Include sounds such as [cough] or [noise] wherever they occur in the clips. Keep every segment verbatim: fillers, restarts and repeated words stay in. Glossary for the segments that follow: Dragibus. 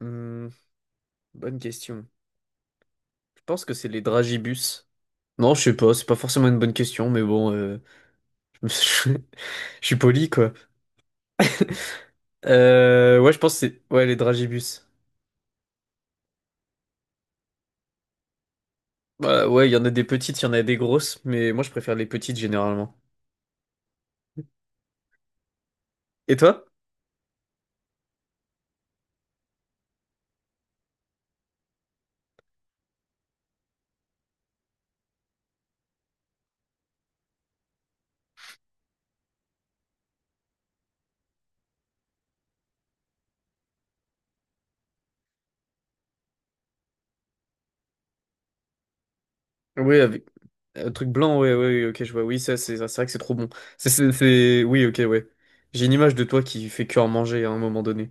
Hmm, bonne question. Je pense que c'est les dragibus. Non, je sais pas, c'est pas forcément une bonne question, mais bon, euh, [laughs] je suis poli, quoi. Euh, ouais, je pense que c'est ouais, les dragibus. Bah, ouais, il y en a des petites, il y en a des grosses, mais moi je préfère les petites généralement. Et toi? Oui, avec un truc blanc, ouais, ouais, ouais, ok, je vois. Oui, ça, c'est c'est vrai que c'est trop bon. C'est, c'est, c'est- oui, ok, ouais. J'ai une image de toi qui fait que en manger à un moment donné.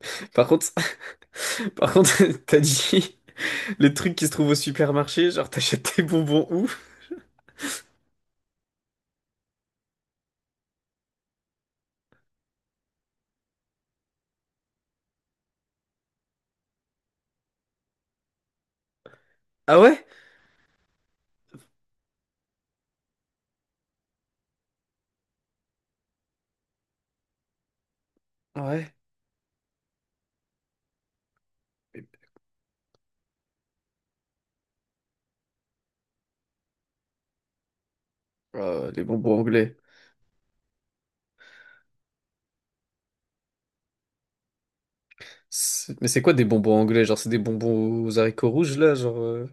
[laughs] Par contre, Par contre, [laughs] t'as dit les trucs qui se trouvent au supermarché, genre t'achètes tes bonbons où? Ah ouais? Ouais. Euh, les bonbons anglais. C'est- Mais c'est quoi des bonbons anglais? Genre c'est des bonbons aux haricots rouges là, genre. euh,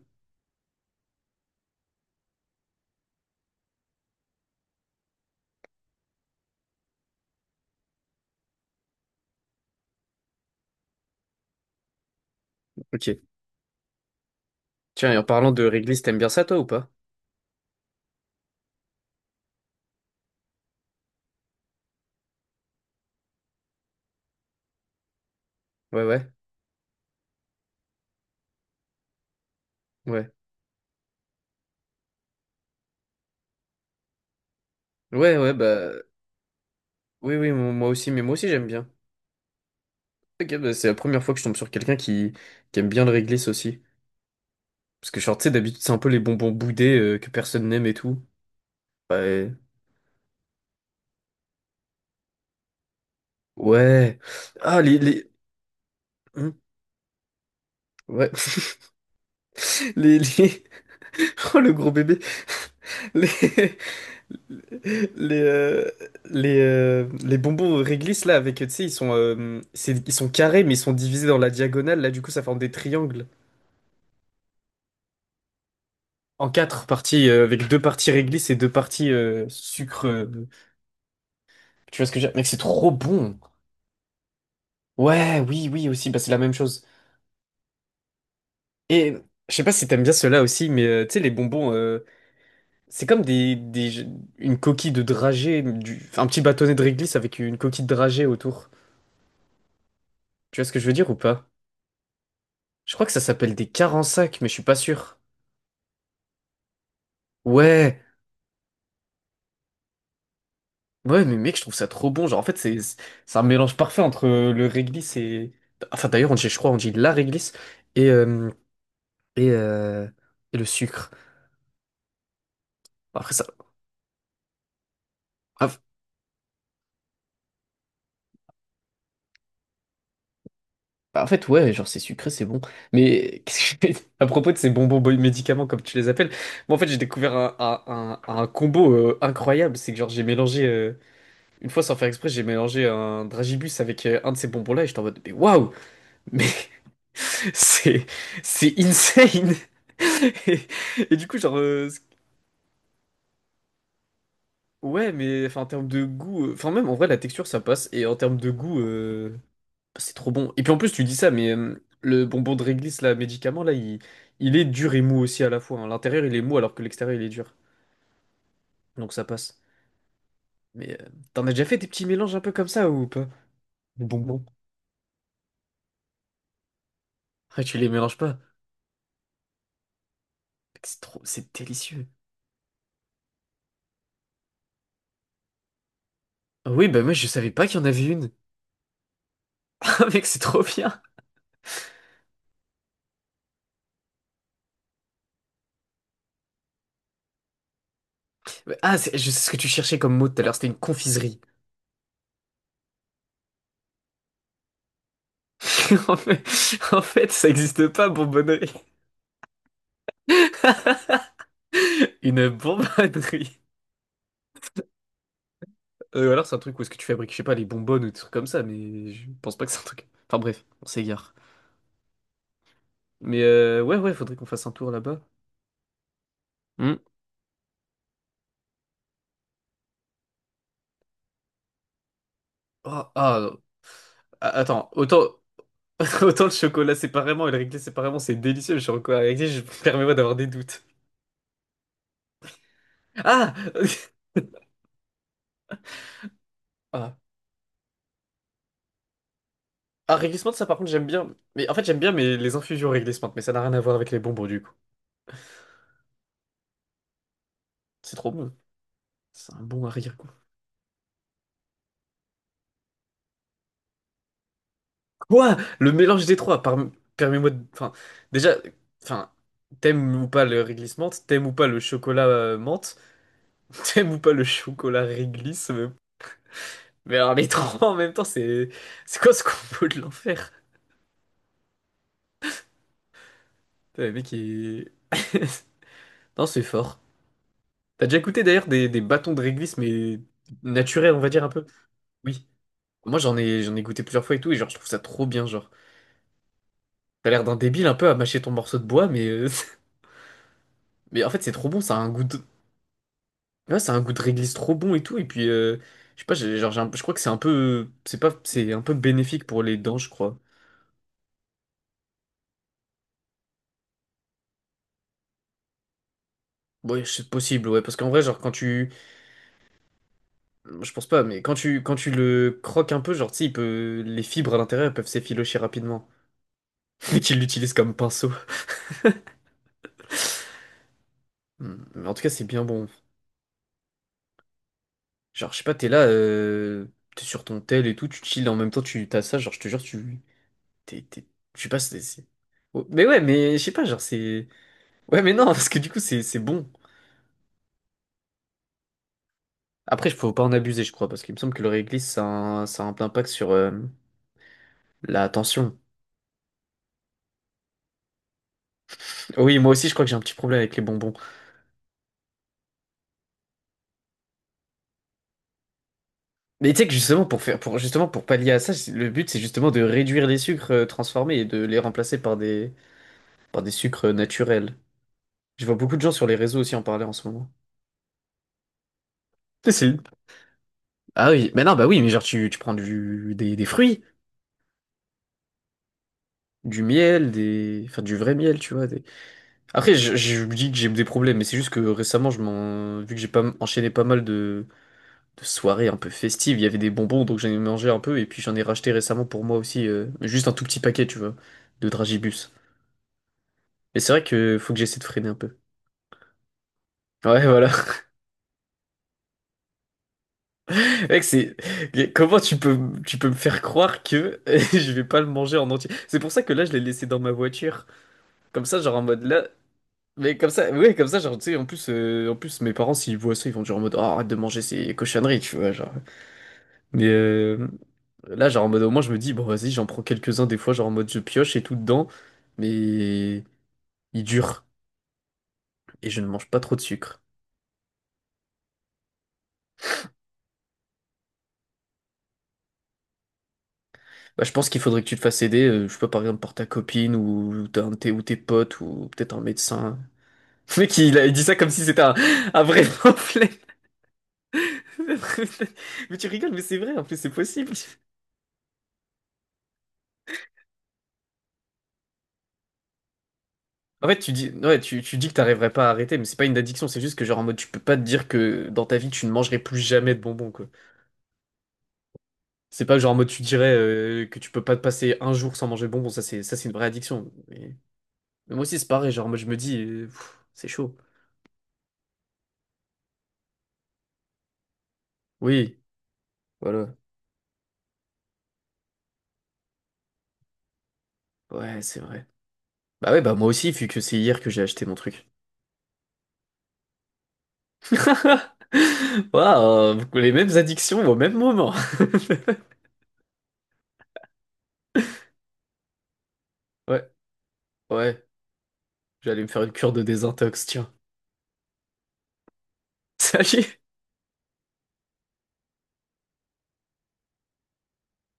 Ok. Tiens, et en parlant de réglisse, t'aimes bien ça toi ou pas? Ouais, ouais, ouais. Ouais, ouais, bah. Oui, oui, mo- moi aussi, mais moi aussi j'aime bien. Ok, bah, c'est la première fois que je tombe sur quelqu'un qui... qui aime bien le réglisse aussi. Parce que, genre, tu sais, d'habitude, c'est un peu les bonbons boudés euh, que personne n'aime et tout. Ouais. Ouais. Ah, les, les... Hmm. Ouais, les, les... [laughs] Oh, le gros bébé. Les, [laughs] les, euh, les, euh, les bonbons réglisse, là, avec, tu sais, ils sont, euh, c'est- ils sont carrés, mais ils sont divisés dans la diagonale. Là, du coup, ça forme des triangles en quatre parties, euh, avec deux parties réglisse et deux parties euh, sucre. euh, Tu vois ce que je veux dire? Mec, c'est trop bon. Ouais, oui, oui, aussi, bah, c'est la même chose. Et je sais pas si t'aimes bien ceux-là aussi, mais euh, tu sais, les bonbons. euh, C'est comme des, des- jeux- une coquille de dragée, du, enfin, un petit bâtonnet de réglisse avec une coquille de dragée autour. Tu vois ce que je veux dire ou pas? Je crois que ça s'appelle des carensacs, mais je suis pas sûr. Ouais, ouais, mais mec, je trouve ça trop bon. Genre, en fait, c'est c'est un mélange parfait entre euh, le réglisse et. Enfin, d'ailleurs, on dit, je crois, on dit la réglisse et, euh, et, euh, et le sucre. Bon, après, ça. Bah, en fait, ouais, genre c'est sucré, c'est bon. Mais [laughs] qu'est-ce que je fais à propos de ces bonbons boy- médicaments, comme tu les appelles, moi en fait j'ai découvert un, un- un- un combo euh, incroyable. C'est que genre j'ai mélangé, euh, une fois sans faire exprès, j'ai mélangé un dragibus avec euh, un de ces bonbons-là et j'étais en mode, mais waouh! Mais [laughs] c'est c'est insane! [laughs] Et, et du coup, genre, euh, ouais, mais enfin, en termes de goût, euh, enfin, même en vrai, la texture ça passe. Et en termes de goût. euh, C'est trop bon. Et puis en plus, tu dis ça, mais euh, le bonbon de réglisse, là, médicament, là, il, il est dur et mou aussi à la fois. Hein. L'intérieur, il est mou alors que l'extérieur, il est dur. Donc ça passe. Mais euh, t'en as déjà fait des petits mélanges un peu comme ça ou pas? Des bonbons. Ah, tu les mélanges pas. Mec, c'est trop... C'est délicieux. Ah oui, bah moi, je savais pas qu'il y en avait une. [laughs] Ah, mec, c'est trop bien. Ah, c'est- je sais ce que tu cherchais comme mot tout à l'heure, c'était une confiserie. [laughs] En fait, En fait, ça existe pas, bonbonnerie. Une bonbonnerie. Euh, ou alors c'est un truc où est-ce que tu fabriques, je sais pas, les bonbonnes ou des trucs comme ça, mais je pense pas que c'est un truc. Enfin bref, on s'égare. Mais euh, ouais, ouais, faudrait qu'on fasse un tour là-bas. Hmm. Oh, ah, non. Ah, attends, autant, [laughs] autant le chocolat séparément et le réglé séparément, c'est délicieux. Le chocolat réglé, je [laughs] permets-moi d'avoir des doutes. Ah! [laughs] Ah, ah réglissement de ça par contre j'aime bien. Mais en fait j'aime bien mais les infusions réglissement, mais ça n'a rien à voir avec les bonbons du coup. C'est trop bon. C'est un bon arrière. Quoi? Le mélange des trois, par- permets-moi de... Enfin, déjà, enfin, t'aimes ou pas le réglisse menthe, t'aimes ou pas le chocolat euh, menthe, [laughs] t'aimes ou pas le chocolat réglisse, mais, mais alors les trois en même temps, c'est... C'est quoi ce combo de l'enfer? Putain, le mec il- [laughs] Non, c'est fort. T'as déjà goûté d'ailleurs des, des bâtons de réglisse, mais naturels, on va dire un peu? Oui. Moi, j'en ai, j'en ai goûté plusieurs fois et tout, et genre, je trouve ça trop bien, genre. T'as l'air d'un débile un peu à mâcher ton morceau de bois, mais... euh, [laughs] Mais en fait, c'est trop bon, ça a un goût. Ouais, c'est un goût de réglisse trop bon et tout. Et puis, euh, je sais pas, j'ai- genre, j'ai un- je crois que c'est un peu, c'est pas, c'est un peu bénéfique pour les dents, je crois. Ouais, c'est possible, ouais, parce qu'en vrai, genre, quand tu, je pense pas, mais quand tu, quand tu le croques un peu, genre, tu sais, il peut, les fibres à l'intérieur, elles peuvent s'effilocher rapidement. [laughs] Et qu'ils l'utilisent comme pinceau. Hmm, mais en tout cas, c'est bien bon. Genre, je sais pas, t'es là, euh, t'es sur ton tel et tout, tu chill, en même temps, tu t'as ça, genre, je te jure, tu, t'es, t'es, je sais pas, c'est, c'est- Oh, mais ouais, mais je sais pas, genre, c'est, ouais, mais non, [laughs] parce que du coup, c'est, c'est bon. Après, il faut pas en abuser, je crois, parce qu'il me semble que le réglisse, ça a un, ça a un impact sur euh, la tension. Oui, moi aussi, je crois que j'ai un petit problème avec les bonbons. Mais tu sais que justement, pour faire, pour, justement, pour pallier à ça, c'est- le but, c'est justement de réduire les sucres euh, transformés et de les remplacer par des, par des sucres euh, naturels. Je vois beaucoup de gens sur les réseaux aussi en parler en ce moment. Mais c'est- Ah oui, mais non, bah oui, mais genre, tu, tu prends du, des, des fruits, du miel, des, enfin, du vrai miel, tu vois. des- Après, je, je me dis que j'ai des problèmes, mais c'est juste que récemment, je m'en, vu que j'ai pas enchaîné pas mal de de soirée un peu festive. Il y avait des bonbons, donc j'en ai mangé un peu. Et puis j'en ai racheté récemment pour moi aussi, euh, juste un tout petit paquet, tu vois, de Dragibus. Mais c'est vrai que faut que j'essaie de freiner un peu. Ouais, voilà. [laughs] Mec, c'est comment tu peux tu peux me faire croire que [laughs] je vais pas le manger en entier. C'est pour ça que là je l'ai laissé dans ma voiture. Comme ça, genre en mode là, mais comme ça, ouais, comme ça, genre tu sais, en plus, euh, en plus mes parents s'ils voient ça, ils vont dire en mode oh, arrête de manger ces cochonneries, tu vois, genre. Mais euh, là, genre en mode, au moins, je me dis, bon, vas-y, j'en prends quelques-uns des fois, genre en mode, je pioche et tout dedans, mais il dure et je ne mange pas trop de sucre. Bah, je pense qu'il faudrait que tu te fasses aider, euh, je sais pas, par exemple, par ta copine ou, t'as un de tes, ou tes potes ou peut-être un médecin. [laughs] Le mec, il, a- il dit ça comme si c'était un, un vrai [laughs] problème. Mais tu rigoles, mais c'est vrai, en plus, c'est possible. En fait, tu dis, ouais, tu, tu dis que t'arriverais pas à arrêter, mais c'est pas une addiction, c'est juste que, genre, en mode, tu peux pas te dire que dans ta vie, tu ne mangerais plus jamais de bonbons, quoi. C'est pas genre en mode tu dirais euh, que tu peux pas te passer un jour sans manger de bonbons, ça c'est ça c'est une vraie addiction. Mais, mais moi aussi c'est pareil, genre moi je me dis euh, pff, c'est chaud. Oui, voilà. Ouais, c'est vrai. Bah ouais, bah moi aussi, vu que c'est hier que j'ai acheté mon truc. [laughs] Waouh, les mêmes addictions au même moment. [laughs] Ouais, ouais, j'allais me faire une cure de désintox, tiens. [laughs] Salut.